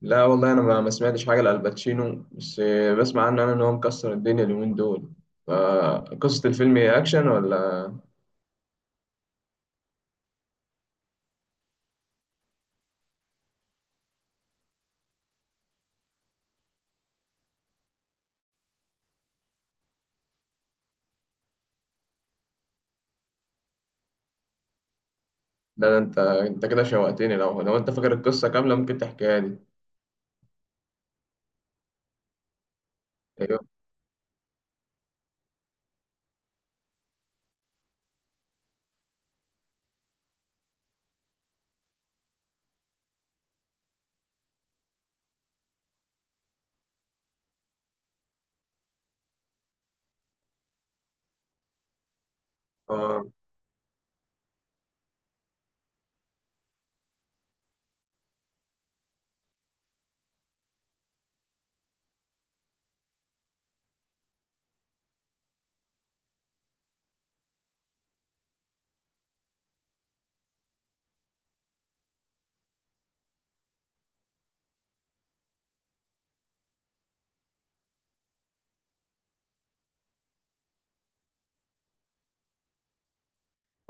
لا والله انا ما سمعتش حاجه لالباتشينو بس بسمع عنه انا ان هو مكسر الدنيا اليومين دول. فقصه الفيلم هي اكشن ولا لا؟ ده انت كده شوقتني، لو انت فاكر القصه كامله ممكن تحكيها لي. ايوه. آه.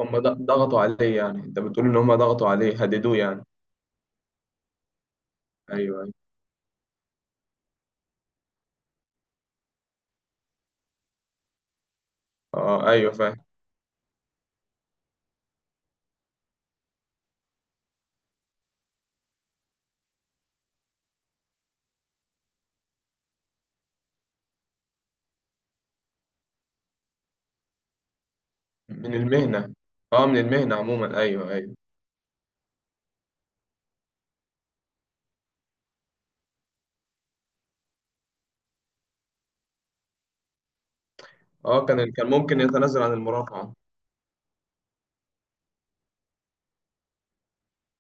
هم ضغطوا عليه يعني؟ انت بتقول ان هم ضغطوا عليه هددوه يعني. ايوه ايوه. اه ايوه فاهم. من المهنه. اه من المهنه عموما، ايوه ايوه. اه كان ممكن يتنازل عن المرافعه.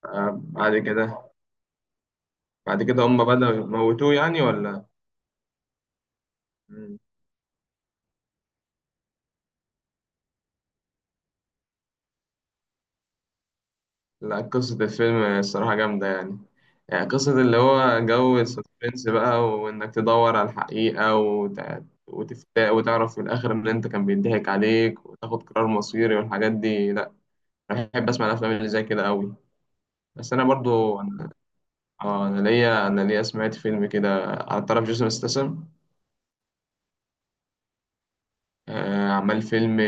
آه بعد كده. بعد كده هم بدأوا يموتوه يعني ولا؟ لا، قصة الفيلم الصراحة جامدة يعني. يعني قصة اللي هو جو السسبنس بقى، وإنك تدور على الحقيقة وتفتاء وتعرف في الآخر إن أنت كان بيضحك عليك وتاخد قرار مصيري والحاجات دي، لأ. أنا بحب أسمع الأفلام اللي زي كده أوي. بس أنا برضو أنا، أنا ليا سمعت فيلم كده على طرف جيسون ستاثام. عمل فيلم.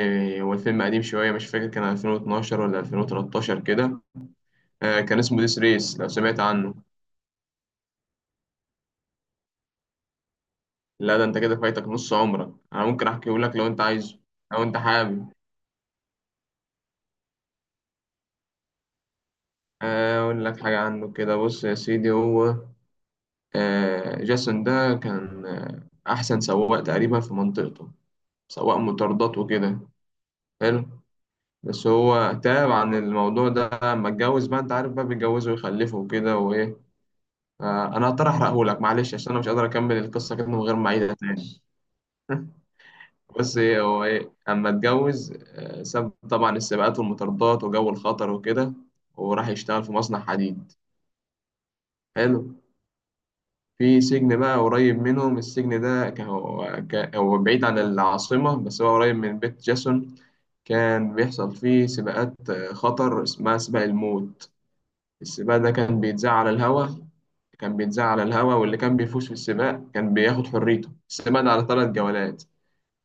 هو الفيلم قديم شوية، مش فاكر كان 2012 ولا 2013 كده. كان اسمه ديس ريس، لو سمعت عنه. لا ده انت كده فايتك نص عمرك، انا ممكن احكيه لك لو انت عايزه. لو انت حابب. اقول لك حاجه عنه كده. بص يا سيدي، هو جاسون ده كان احسن سواق تقريبا في منطقته. سواق مطاردات وكده. حلو. بس هو تاب عن الموضوع ده لما اتجوز، بقى انت عارف بقى بيتجوزوا ويخلفوا وكده وايه. انا هضطر احرقه لك معلش عشان انا مش قادر اكمل القصه كده من غير ما اعيدها تاني. بص ايه هو ايه اما اتجوز، ساب طبعا السباقات والمطاردات وجو الخطر وكده، وراح يشتغل في مصنع حديد. حلو. في سجن بقى قريب منهم. السجن ده كان هو بعيد عن العاصمة بس هو قريب من بيت جاسون. كان بيحصل فيه سباقات خطر اسمها سباق الموت. السباق ده كان بيتذاع على الهوا. كان بيتذاع على الهوا، واللي كان بيفوز في السباق كان بياخد حريته. السباق ده على 3 جولات.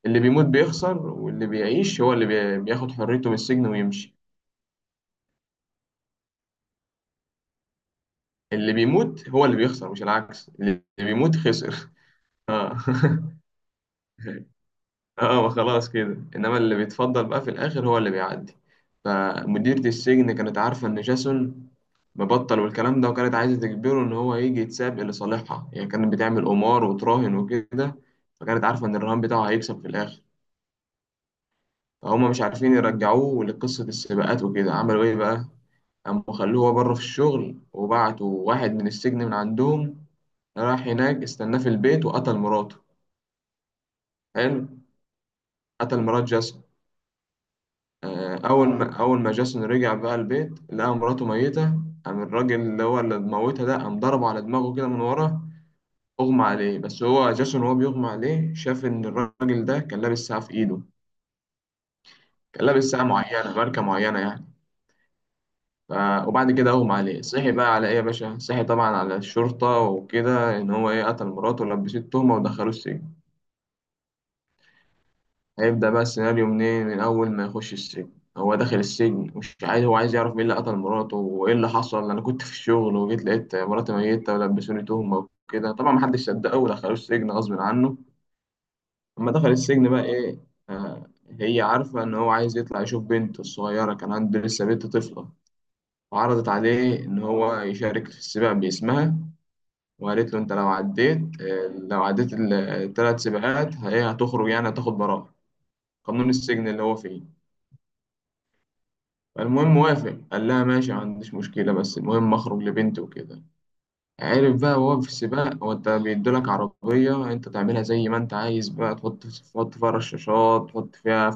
اللي بيموت بيخسر، واللي بيعيش هو اللي بياخد حريته من السجن ويمشي. اللي بيموت هو اللي بيخسر، مش العكس، اللي بيموت خسر. اه اه ما خلاص كده، انما اللي بيتفضل بقى في الاخر هو اللي بيعدي. فمديرة السجن كانت عارفة ان جاسون مبطل والكلام ده، وكانت عايزة تجبره ان هو يجي يتسابق لصالحها. يعني كانت بتعمل قمار وتراهن وكده، فكانت عارفة ان الرهان بتاعه هيكسب في الاخر. فهم مش عارفين يرجعوه لقصة السباقات وكده، عملوا إيه بقى؟ قاموا خلوه هو بره في الشغل، وبعتوا واحد من السجن من عندهم، راح هناك استناه في البيت وقتل مراته. حلو. قتل مرات جاسون. أول ما جاسون رجع بقى البيت لقى مراته ميتة. قام الراجل اللي هو اللي موتها ده قام ضربه على دماغه كده من ورا. أغمى عليه، بس هو جاسون وهو بيغمى عليه شاف إن الراجل ده كان لابس ساعة في إيده. كان لابس ساعة معينة، ماركة معينة يعني. ف- وبعد كده اغمى عليه، صحي بقى على ايه يا باشا؟ صحي طبعا على الشرطة وكده ان هو ايه قتل مراته، ولبسته التهمة ودخله السجن. هيبدأ بقى السيناريو منين؟ من اول ما يخش السجن. هو داخل السجن مش عايز، هو عايز يعرف مين اللي قتل مراته وايه اللي حصل. انا كنت في الشغل وجيت لقيت مراتي ميتة ولبسوني تهمة وكده، طبعا محدش صدقه ودخلوه السجن غصب عنه. اما دخل السجن بقى ايه. آه. هي عارفة ان هو عايز يطلع يشوف بنته الصغيرة، كان عنده لسه بنت طفلة. وعرضت عليه إن هو يشارك في السباق باسمها. وقالت له انت لو عديت لو عديت ال3 سباقات هي هتخرج، يعني هتاخد براءة. قانون السجن اللي هو فيه. فالمهم وافق، قال لها ماشي ما عنديش مشكلة، بس المهم اخرج لبنتي وكده. عارف بقى وهو في السباق، هو انت بيدولك عربية انت تعملها زي ما انت عايز بقى، تحط فيها رشاشات، تحط فيها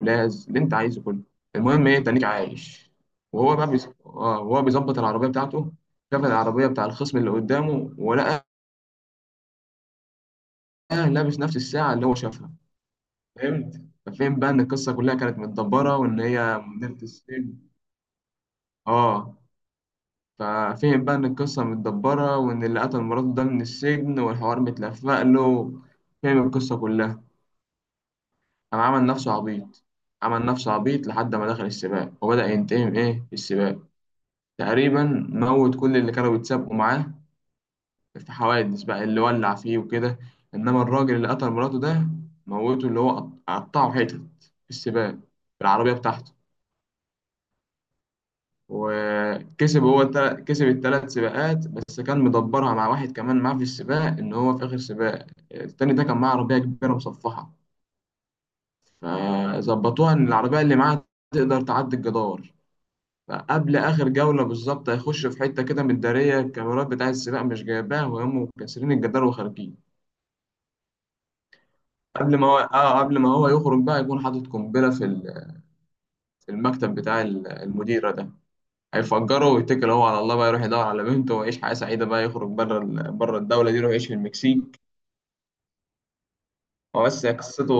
فولاذ اللي انت عايزه كله. المهم ايه تنيك عايش. وهو بقى اه وهو بيظبط العربية بتاعته، شاف العربية بتاع الخصم اللي قدامه ولقى لابس نفس الساعة اللي هو شافها. فهمت؟ ففهم بقى ان القصه كلها كانت متدبره، وان هي مديره السجن. اه. ففهم بقى ان القصه متدبره، وان اللي قتل مراته ده من السجن والحوار متلفق له. فهم القصه كلها. قام عمل نفسه عبيط. عمل نفسه عبيط لحد ما دخل السباق، وبدأ ينتهم ايه السباق تقريبا. موت كل اللي كانوا بيتسابقوا معاه في حوادث بقى، اللي ولع فيه وكده. انما الراجل اللي قتل مراته ده، موته اللي هو قطعه حتت في السباق بالعربيه بتاعته. وكسب هو كسب ال3 سباقات. بس كان مدبرها مع واحد كمان معاه في السباق، ان هو في اخر سباق التاني ده كان معاه عربيه كبيره مصفحه. فظبطوها ان العربيه اللي معاه تقدر تعدي الجدار. فقبل اخر جوله بالظبط هيخش في حته كده مداريه، الكاميرات بتاع السباق مش جايباها وهم كاسرين الجدار وخارجين. قبل ما هو يخرج بقى يكون حاطط قنبله في في المكتب بتاع المديره ده. هيفجره ويتكل هو على الله بقى، يروح يدور على بنته ويعيش حياة سعيدة بقى، يخرج بره بره الدولة دي يروح يعيش في المكسيك. هو بس هي قصته.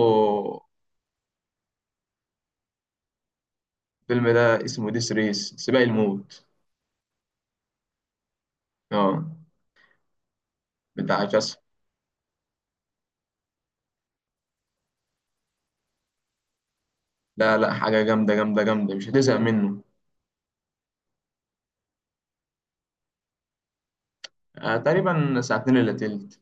الفيلم ده اسمه ديس ريس، سباق الموت. اه بتاع جاس. لا لا، حاجة جامدة جامدة جامدة مش هتزهق منه. آه تقريبا ساعتين إلا تلت.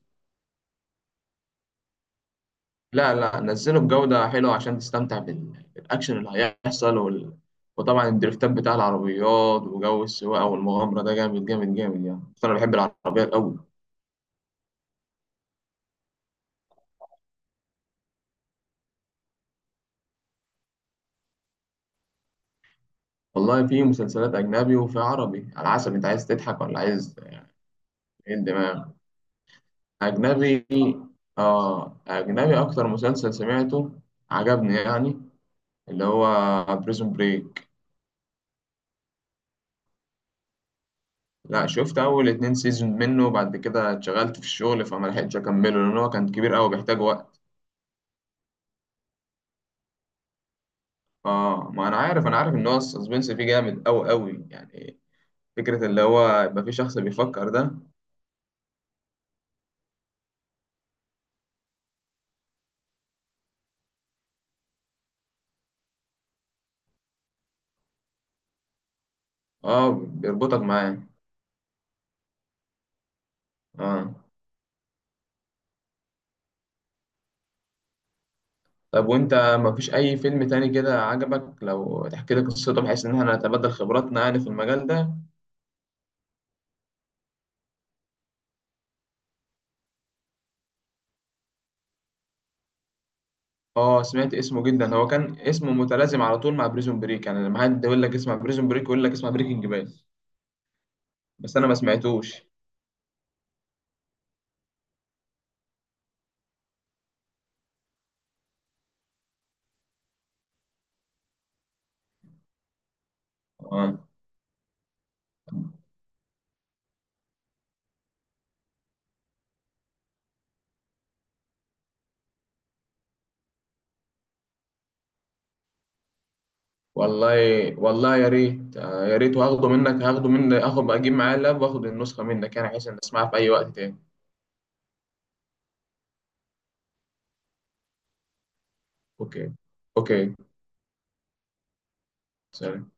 لا لا، نزله بجودة حلوة عشان تستمتع بالأكشن اللي هيحصل وطبعا الدريفتات بتاع العربيات وجو السواقة والمغامرة ده جامد جامد جامد يعني، أصل أنا بحب العربيات أوي. والله في مسلسلات أجنبي وفي عربي، على حسب أنت عايز تضحك ولا عايز إيه الدماغ. أجنبي. آه أجنبي. أكتر مسلسل سمعته عجبني يعني، اللي هو بريزون بريك. لا، شفت أول 2 سيزون منه وبعد كده اتشغلت في الشغل فما لحقتش أكمله، لأن هو كان كبير أوي بيحتاج وقت. آه ما أنا عارف إن هو السسبنس فيه جامد أوي أوي يعني. فكرة اللي هو يبقى في شخص بيفكر ده. آه بيربطك معاه. آه. طب وانت مفيش اي فيلم تاني كده عجبك؟ لو تحكي لي قصته بحيث ان احنا نتبادل خبراتنا يعني في المجال ده. اه سمعت اسمه جدا، هو كان اسمه متلازم على طول مع بريزون بريك يعني، لما حد يقول لك اسمع بريزون بريك يقول لك اسمع بريكنج باد. بس انا ما سمعتوش. اه. والله والله يا ريت، يا ريت. وهاخده منك هاخده مني، اخد اجيب معايا اللاب واخد النسخة منك، يعني بحيث ان اسمعها في اي وقت تاني. اوكي. اوكي. سلام.